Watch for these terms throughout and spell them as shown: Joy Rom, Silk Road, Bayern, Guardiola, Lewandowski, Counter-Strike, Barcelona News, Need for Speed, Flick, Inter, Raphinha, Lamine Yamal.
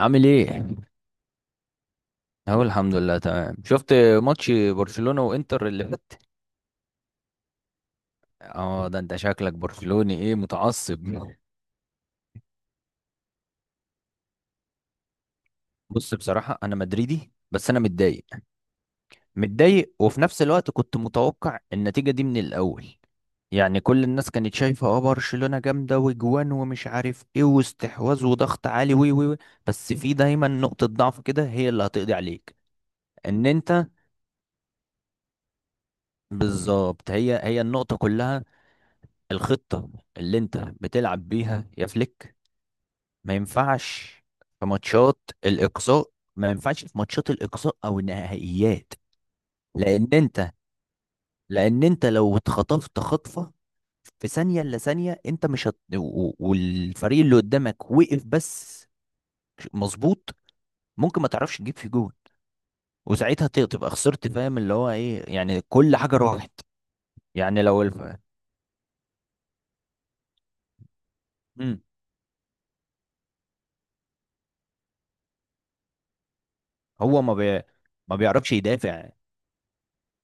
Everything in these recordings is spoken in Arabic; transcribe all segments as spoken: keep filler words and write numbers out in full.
عامل ايه؟ اهو الحمد لله تمام. شفت ماتش برشلونة وانتر اللي فات. اه، ده انت شكلك برشلوني، ايه، متعصب؟ بص، بصراحة انا مدريدي بس انا متضايق. متضايق، وفي نفس الوقت كنت متوقع النتيجة دي من الاول. يعني كل الناس كانت شايفة اه برشلونة جامدة وجوان ومش عارف ايه واستحواذ وضغط عالي، وي وي وي. بس في دايما نقطة ضعف كده هي اللي هتقضي عليك. ان انت بالظبط، هي هي النقطة كلها. الخطة اللي انت بتلعب بيها يا فليك ما ينفعش في ماتشات الإقصاء. ما ينفعش في ماتشات الإقصاء أو النهائيات. لأن انت لأن انت لو اتخطفت خطفة في ثانية إلا ثانية، انت مش هت... و- و- والفريق اللي قدامك وقف بس. مظبوط. ممكن ما تعرفش تجيب فيه جول، وساعتها ت- تبقى خسرت، فاهم اللي هو ايه؟ يعني كل حاجة راحت. يعني لو الف... مم. هو ما بي... ما بيعرفش يدافع.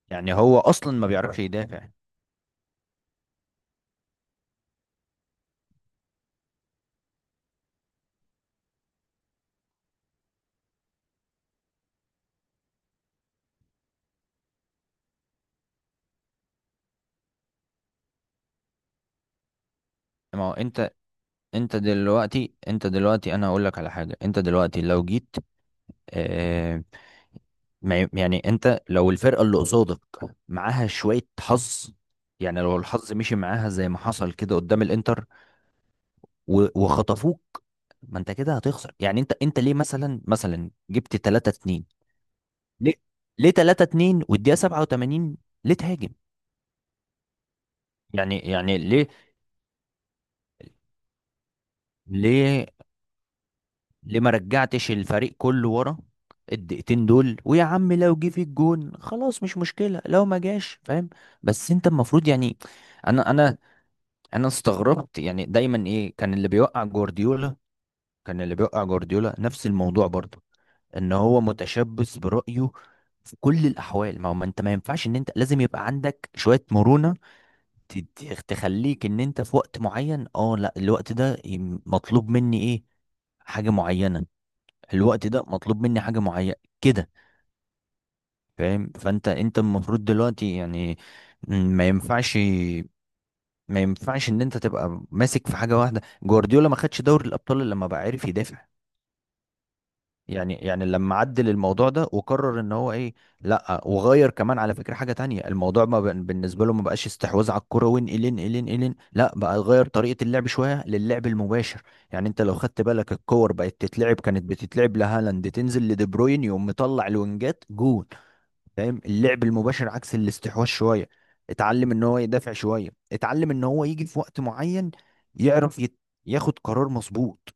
يعني هو أصلا ما بيعرفش يدافع. ما هو انت، انت دلوقتي انت دلوقتي انا هقول لك على حاجه. انت دلوقتي لو جيت، اه، ما ي- يعني انت لو الفرقه اللي قصادك معاها شويه حظ، يعني لو الحظ مشي معاها زي ما حصل كده قدام الانتر و- وخطفوك، ما انت كده هتخسر. يعني انت انت ليه مثلا مثلا جبت تلاتة اتنين؟ ليه ليه تلاتة اتنين والدقيقه سبعة وتمانين؟ ليه تهاجم؟ يعني يعني ليه؟ ليه ليه ما رجعتش الفريق كله ورا الدقيقتين دول؟ ويا عم، لو جه في الجون خلاص مش مشكلة، لو ما جاش، فاهم؟ بس انت المفروض يعني، انا انا انا استغربت. يعني دايما ايه كان اللي بيوقع جوارديولا؟ كان اللي بيوقع جوارديولا نفس الموضوع برضه، ان هو متشبث برأيه في كل الاحوال. ما هو، ما انت، ما ينفعش. ان انت لازم يبقى عندك شوية مرونة ت- ت- تخليك، ان انت في وقت معين، اه، لا، الوقت ده يم- مطلوب مني ايه؟ حاجة معينة. الوقت ده مطلوب مني حاجة معينة، كده. فاهم؟ فانت انت المفروض دلوقتي يعني، م- ما ينفعش. ما ينفعش ان انت تبقى ماسك في حاجة واحدة. جوارديولا ما خدش دوري الابطال الا لما بقى عارف يدافع. يعني يعني لما عدل الموضوع ده وقرر ان هو ايه، لا، وغير كمان على فكرة حاجة تانية. الموضوع ما بقى- بالنسبة له ما بقاش استحواذ على الكرة وين الين الين الين، لا، بقى غير طريقة اللعب شوية للعب المباشر. يعني انت لو خدت بالك، الكور بقت تتلعب، كانت بتتلعب لهالاند، تنزل لدي بروين، يقوم مطلع الوينجات جون. فاهم؟ اللعب المباشر عكس الاستحواذ شوية. اتعلم ان هو يدافع شوية، اتعلم ان هو يجي في وقت معين يعرف يت... ياخد قرار مظبوط.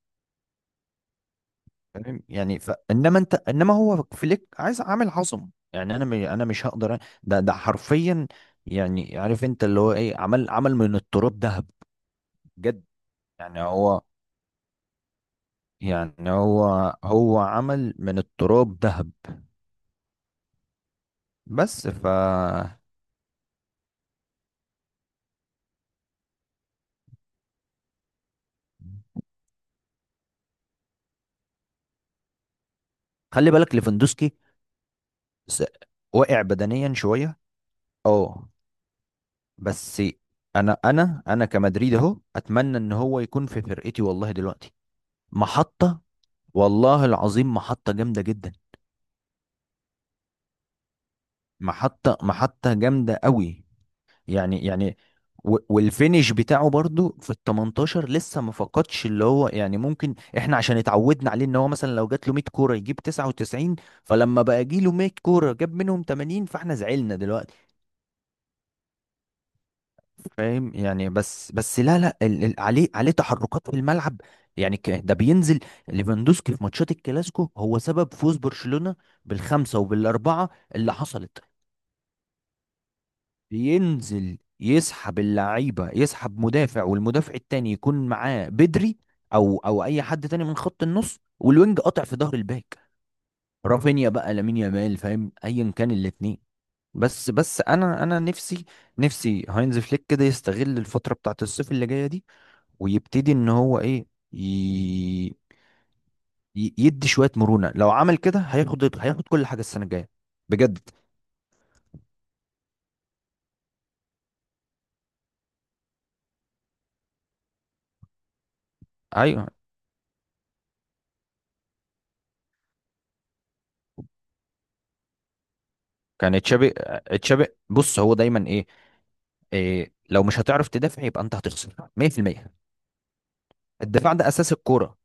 فاهم يعني؟ ف... انما انت انما هو فليك عايز عامل عظم. يعني انا م... انا مش هقدر أ- ده ده حرفيا، يعني، عارف انت اللي هو ايه، عمل عمل من التراب ذهب. بجد. يعني هو يعني هو هو عمل من التراب ذهب. بس ف خلي بالك، ليفاندوسكي س- واقع بدنيا شويه، اه، بس انا انا انا كمدريد اهو اتمنى ان هو يكون في فرقتي والله دلوقتي. محطه، والله العظيم محطة جامدة جدا. محطة محطة جامدة قوي. يعني يعني. و- والفينش بتاعه برضو في ال تمنتاشر لسه ما فقدش، اللي هو يعني ممكن احنا عشان اتعودنا عليه، ان هو مثلا لو جات له مية كورة يجيب تسعة وتسعين. فلما بقى جي له مية كورة جاب منهم تمانين، فاحنا زعلنا دلوقتي. فاهم يعني؟ بس بس لا لا، ال- ال- عليه، عليه تحركات في الملعب. يعني ك- ده بينزل. ليفاندوسكي في ماتشات الكلاسيكو هو سبب فوز برشلونة بالخمسة وبالأربعة اللي حصلت. بينزل يسحب اللعيبه، يسحب مدافع، والمدافع التاني يكون معاه بدري، او او اي حد تاني من خط النص، والوينج قاطع في ظهر الباك، رافينيا بقى، لامين يامال، فاهم؟ ايا كان الاثنين. بس بس انا انا نفسي، نفسي هاينز فليك كده يستغل الفتره بتاعت الصيف اللي جايه دي، ويبتدي ان هو ايه، ي... ي- يدي شويه مرونه. لو عمل كده هياخد هياخد كل حاجه السنه الجايه، بجد. ايوه. كان تشابي. تشابي، بص، هو دايما ايه؟ إيه، لو مش هتعرف تدافع يبقى انت هتخسر مية في المية. الدفاع ده اساس الكوره.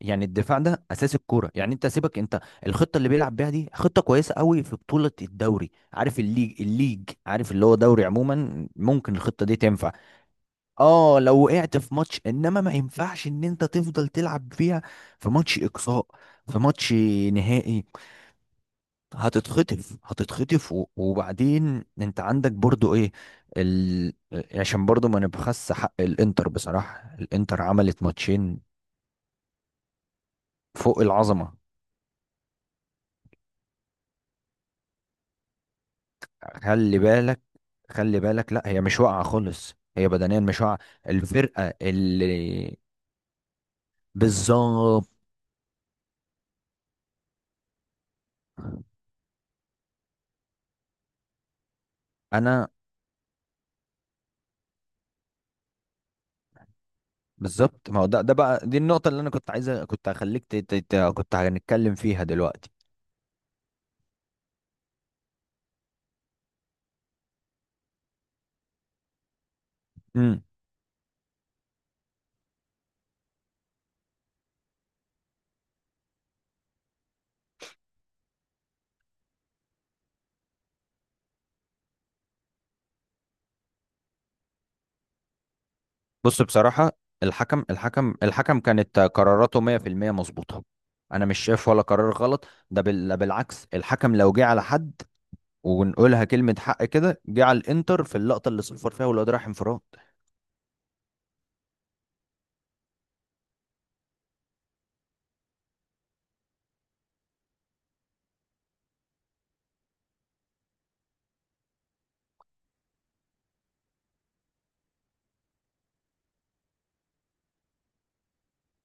يعني الدفاع ده اساس الكوره. يعني انت سيبك انت، الخطه اللي بيلعب بيها دي خطه كويسه قوي في بطوله الدوري، عارف، الليج، الليج عارف، اللي هو دوري عموما، ممكن الخطه دي تنفع، اه، لو وقعت في ماتش. انما ما ينفعش ان انت تفضل تلعب فيها في ماتش اقصاء، في ماتش نهائي. هتتخطف هتتخطف، و- وبعدين انت عندك برضو ايه، ال... عشان برضو ما نبخس حق الانتر. بصراحة الانتر عملت ماتشين فوق العظمة. خلي بالك، خلي بالك لا، هي مش واقعة خالص، هي بدنيا، مش واقعة. الفرقة اللي بالظبط. انا بالظبط ما هو ده، ده بقى دي النقطة اللي انا كنت عايزة، كنت هخليك ت... ت... ت- كنت هنتكلم فيها دلوقتي. مم. بص، بصراحة، الحكم الحكم الحكم كانت قراراته مية في المية مظبوطة. أنا مش شايف ولا قرار غلط. ده بال... بالعكس، الحكم لو جه على حد، ونقولها كلمة حق كده، جه على الإنتر في اللقطة اللي صفر فيها والواد راح انفراد.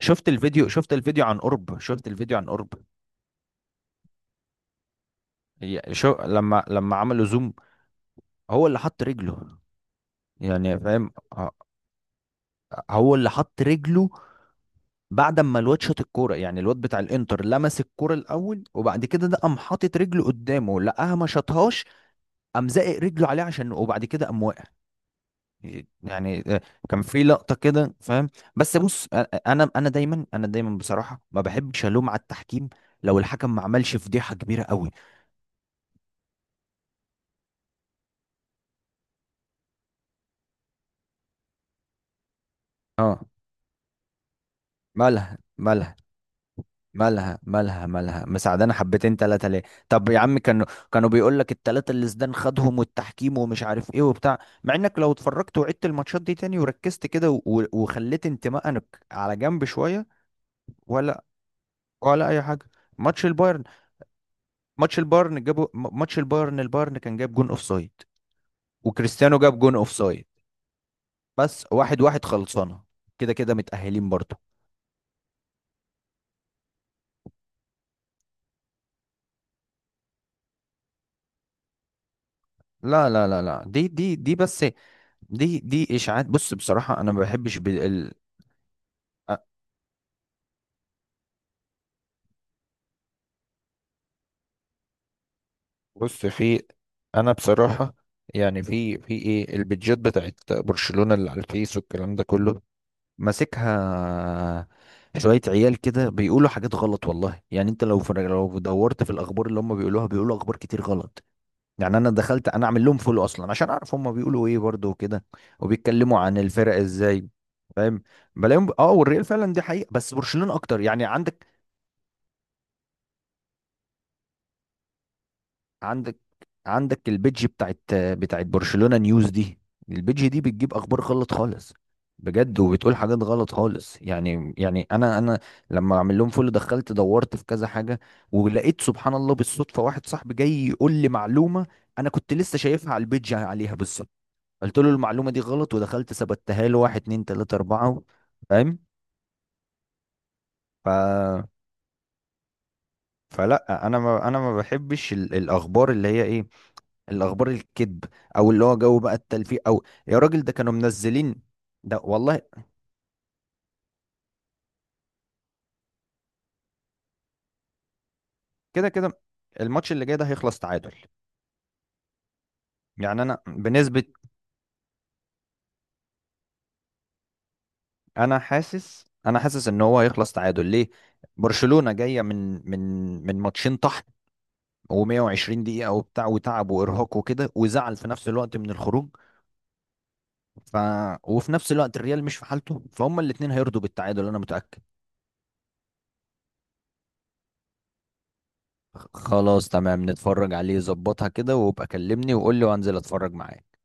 شفت الفيديو، شفت الفيديو عن قرب شفت الفيديو عن قرب. هي- شو لما لما عملوا زوم، هو اللي حط رجله، يعني فاهم؟ ه- هو اللي حط رجله بعد ما الواد شاط الكوره، يعني الواد بتاع الانتر لمس الكوره الاول، وبعد كده ده قام حاطط رجله قدامه، لقاها ما شاطهاش، قام زائق رجله عليه عشان، وبعد كده قام واقع. يعني آه، كان في لقطه كده، فاهم؟ بس بص، آه، آه، انا انا دايما انا دايما بصراحه ما بحبش الوم على التحكيم لو الحكم ما عملش فضيحه كبيره قوي. اه. مالها مالها مالها مالها مالها، مساعدانا حبتين تلاتة، ليه؟ طب يا عم، كانوا كانوا بيقول لك التلاتة اللي زدان خدهم، والتحكيم، ومش عارف ايه وبتاع، مع انك لو اتفرجت وعدت الماتشات دي تاني وركزت كده و- وخليت انتمائك على جنب شوية، ولا، ولا اي حاجة. ماتش البايرن، ماتش البايرن جابوا م- ماتش البايرن، البايرن كان جاب جون اوف سايد، وكريستيانو جاب جون اوف سايد، بس واحد واحد خلصانه. كده كده متأهلين برضه. لا لا لا لا دي دي دي بس، دي دي اشاعات. بص، بصراحة، انا ما بحبش بال... ال... أ- بص في، انا بصراحة يعني، في في ايه، البيدجات بتاعت برشلونة اللي على الفيس والكلام ده كله، ماسكها شوية عيال كده، بيقولوا حاجات غلط والله. يعني انت لو في، لو دورت في الاخبار اللي هم بيقولوها، بيقولوا اخبار كتير غلط. يعني انا دخلت انا اعمل لهم فولو اصلا عشان اعرف هم بيقولوا ايه برضه وكده، وبيتكلموا عن الفرق ازاي، فاهم؟ بلاقيهم، اه، والريال فعلا دي حقيقة، بس برشلونة اكتر. يعني عندك، عندك عندك البيدج بتاعت، بتاعت برشلونة نيوز دي، البيدج دي بتجيب اخبار غلط خالص، بجد، وبتقول حاجات غلط خالص. يعني يعني، انا انا لما اعمل لهم فولو دخلت دورت في كذا حاجة، ولقيت سبحان الله بالصدفة واحد صاحبي جاي يقول لي معلومة انا كنت لسه شايفها على البيدج، عليها بالصدفة. قلت له المعلومة دي غلط، ودخلت ثبتها له واحد اتنين تلاتة أربعة، فاهم؟ ف... فلا انا، ما انا ما بحبش ال... الاخبار اللي هي ايه، الاخبار الكذب، او اللي هو جو بقى التلفيق، او يا راجل ده كانوا منزلين. ده والله. كده كده الماتش اللي جاي ده هيخلص تعادل. يعني انا بنسبة انا حاسس انا حاسس ان هو هيخلص تعادل. ليه؟ برشلونة جاية من، من من ماتشين طحن، و120 دقيقة، وبتاع، وتعب، وارهاق، وكده، وزعل في نفس الوقت من الخروج. ف، وفي نفس الوقت الريال مش في حالته، فهم الاتنين هيرضوا بالتعادل، انا متأكد. خلاص، تمام، نتفرج عليه، ظبطها كده، وابقى كلمني وقول لي وانزل اتفرج معاك.